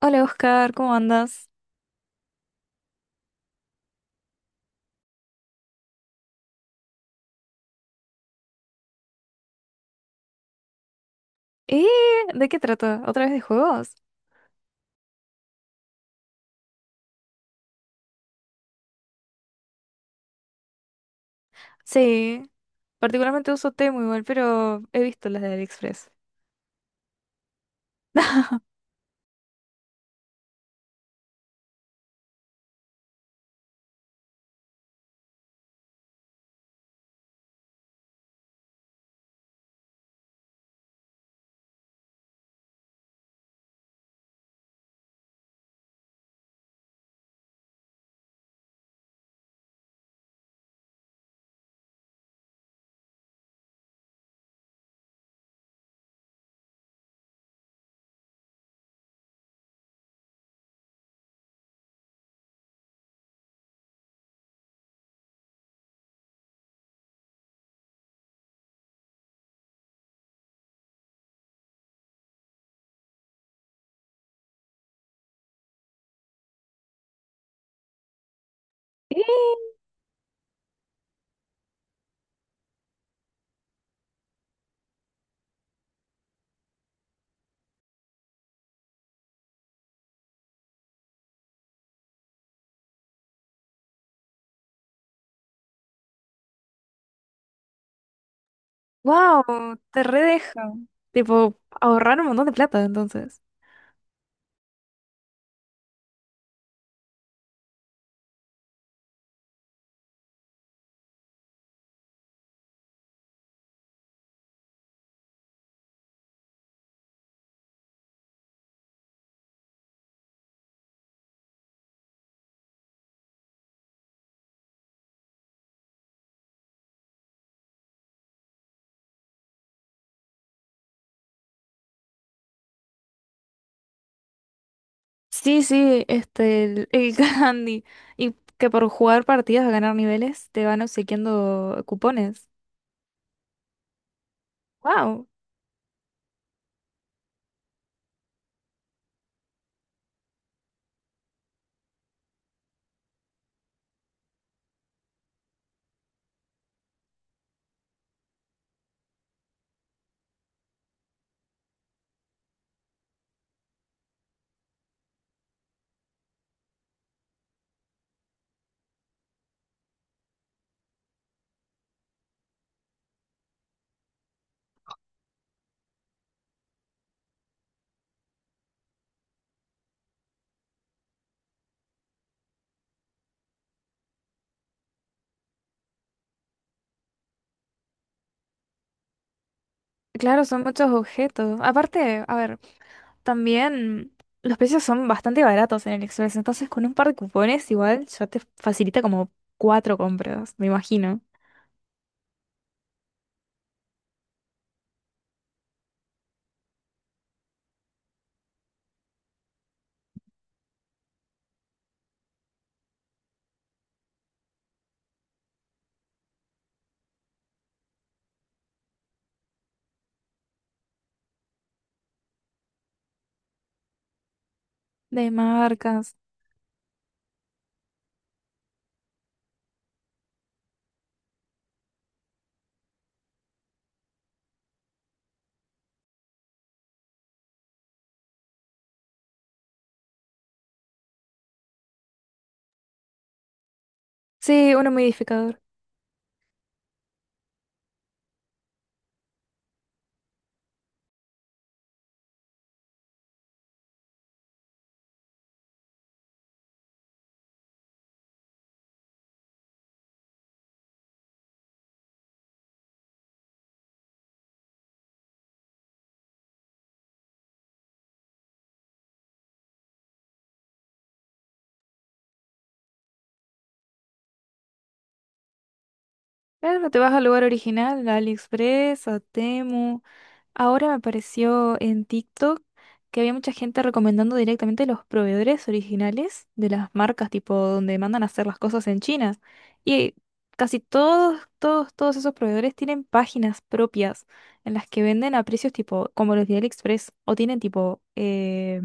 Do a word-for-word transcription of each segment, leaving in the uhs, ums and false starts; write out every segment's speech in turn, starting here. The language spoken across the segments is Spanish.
Hola Oscar, ¿cómo andas? ¿Eh? ¿De qué trata? ¿Otra vez de juegos? Sí, particularmente uso Temu igual, pero he visto las de AliExpress. ¡Eh! ¡Wow! Te redeja. Tipo, ahorrar un montón de plata entonces. Sí, sí, este, el, el candy. Y que por jugar partidas a ganar niveles te van obsequiando cupones. ¡Wow! Claro, son muchos objetos. Aparte, a ver. También los precios son bastante baratos en el Express, entonces con un par de cupones igual ya te facilita como cuatro compras, me imagino. De marcas. Sí, uno modificador. Claro, te vas al lugar original, a AliExpress, a Temu. Ahora me apareció en TikTok que había mucha gente recomendando directamente los proveedores originales de las marcas, tipo donde mandan a hacer las cosas en China. Y casi todos, todos, todos esos proveedores tienen páginas propias en las que venden a precios tipo como los de AliExpress o tienen tipo eh,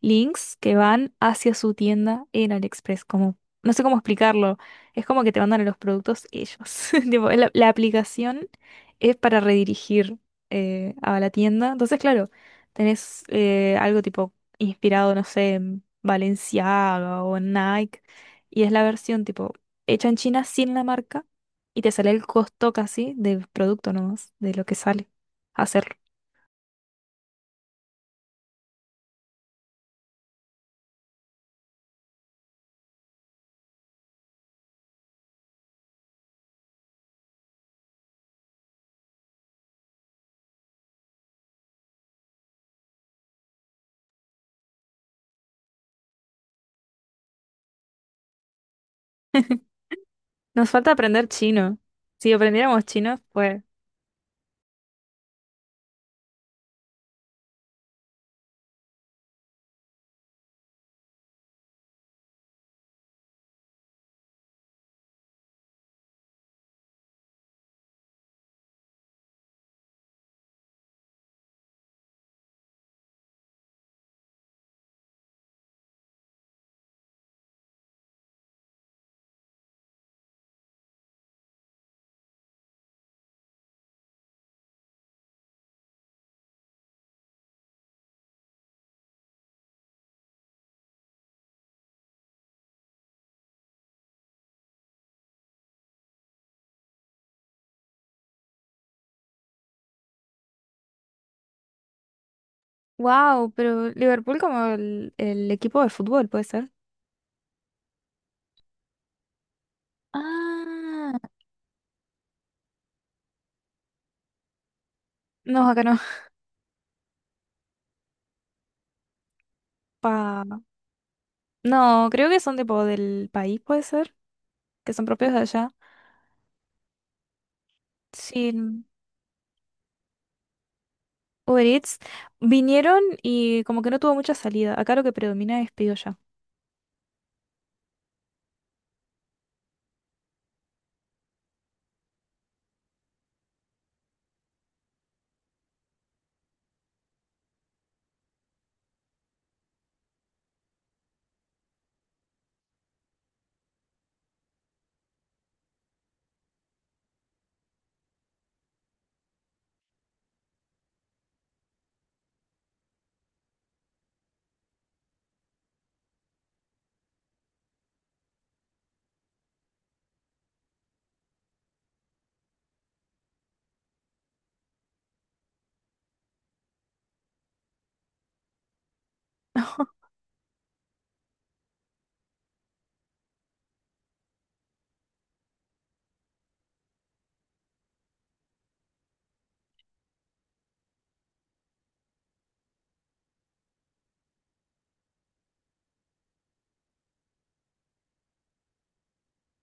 links que van hacia su tienda en AliExpress, como no sé cómo explicarlo. Es como que te mandan los productos ellos. Tipo, la, la aplicación es para redirigir eh, a la tienda. Entonces, claro, tenés eh, algo tipo inspirado, no sé, en Balenciaga o en Nike. Y es la versión tipo hecha en China sin la marca. Y te sale el costo casi del producto nomás, de lo que sale hacerlo. Nos falta aprender chino. Si aprendiéramos chino, pues... Wow, pero Liverpool como el, el equipo de fútbol, ¿puede ser? Ah, no, acá no. Pa- No, creo que son tipo del país, puede ser, que son propios de allá. Sí, n- Uber Eats vinieron y como que no tuvo mucha salida. Acá lo que predomina es pido ya.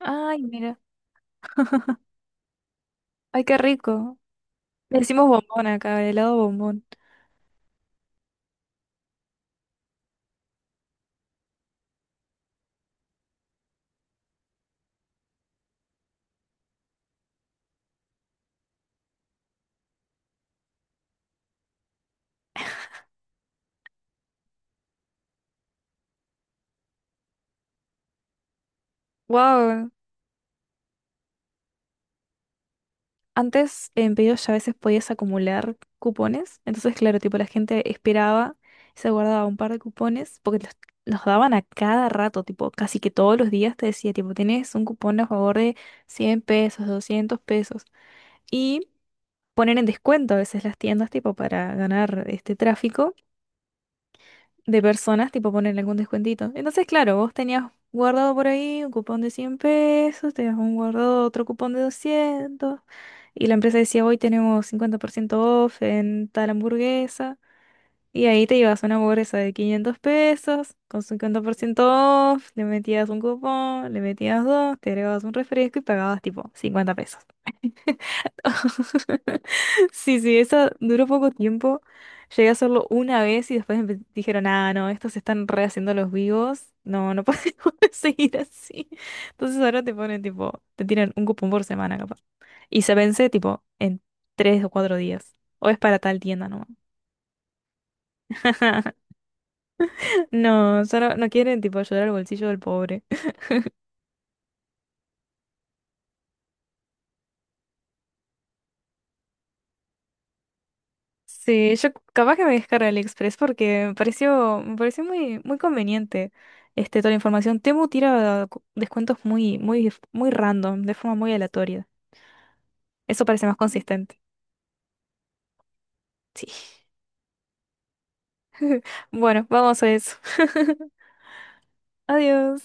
Ay, mira. Ay, qué rico. Le decimos bombón acá, helado bombón. Wow. Antes en pedidos ya a veces podías acumular cupones, entonces claro, tipo la gente esperaba, se guardaba un par de cupones porque los, los daban a cada rato, tipo casi que todos los días te decía, tipo, tenés un cupón a favor de cien pesos, doscientos pesos y poner en descuento a veces las tiendas, tipo, para ganar este tráfico de personas, tipo poner algún descuentito. Entonces, claro, vos tenías guardado por ahí un cupón de cien pesos, tenías un guardado otro cupón de doscientos y la empresa decía, hoy tenemos cincuenta por ciento off en tal hamburguesa, y ahí te ibas a una hamburguesa de quinientos pesos, con cincuenta por ciento off, le metías un cupón, le metías dos, te agregabas un refresco y pagabas tipo cincuenta pesos. Sí, sí, eso duró poco tiempo. Llegué a hacerlo una vez y después empe- dijeron, ah, no, estos se están rehaciendo los vivos. No, no podemos seguir así. Entonces ahora te ponen tipo, te tiran un cupón por semana capaz. Y se vence tipo en tres o cuatro días. O es para tal tienda nomás. No, solo no quieren tipo ayudar al bolsillo del pobre. Sí, yo capaz que me descargo AliExpress porque me pareció, me pareció muy, muy conveniente este, toda la información. Temu tira cu- descuentos muy, muy, muy random, de forma muy aleatoria. Eso parece más consistente. Sí. Bueno, vamos a eso. Adiós.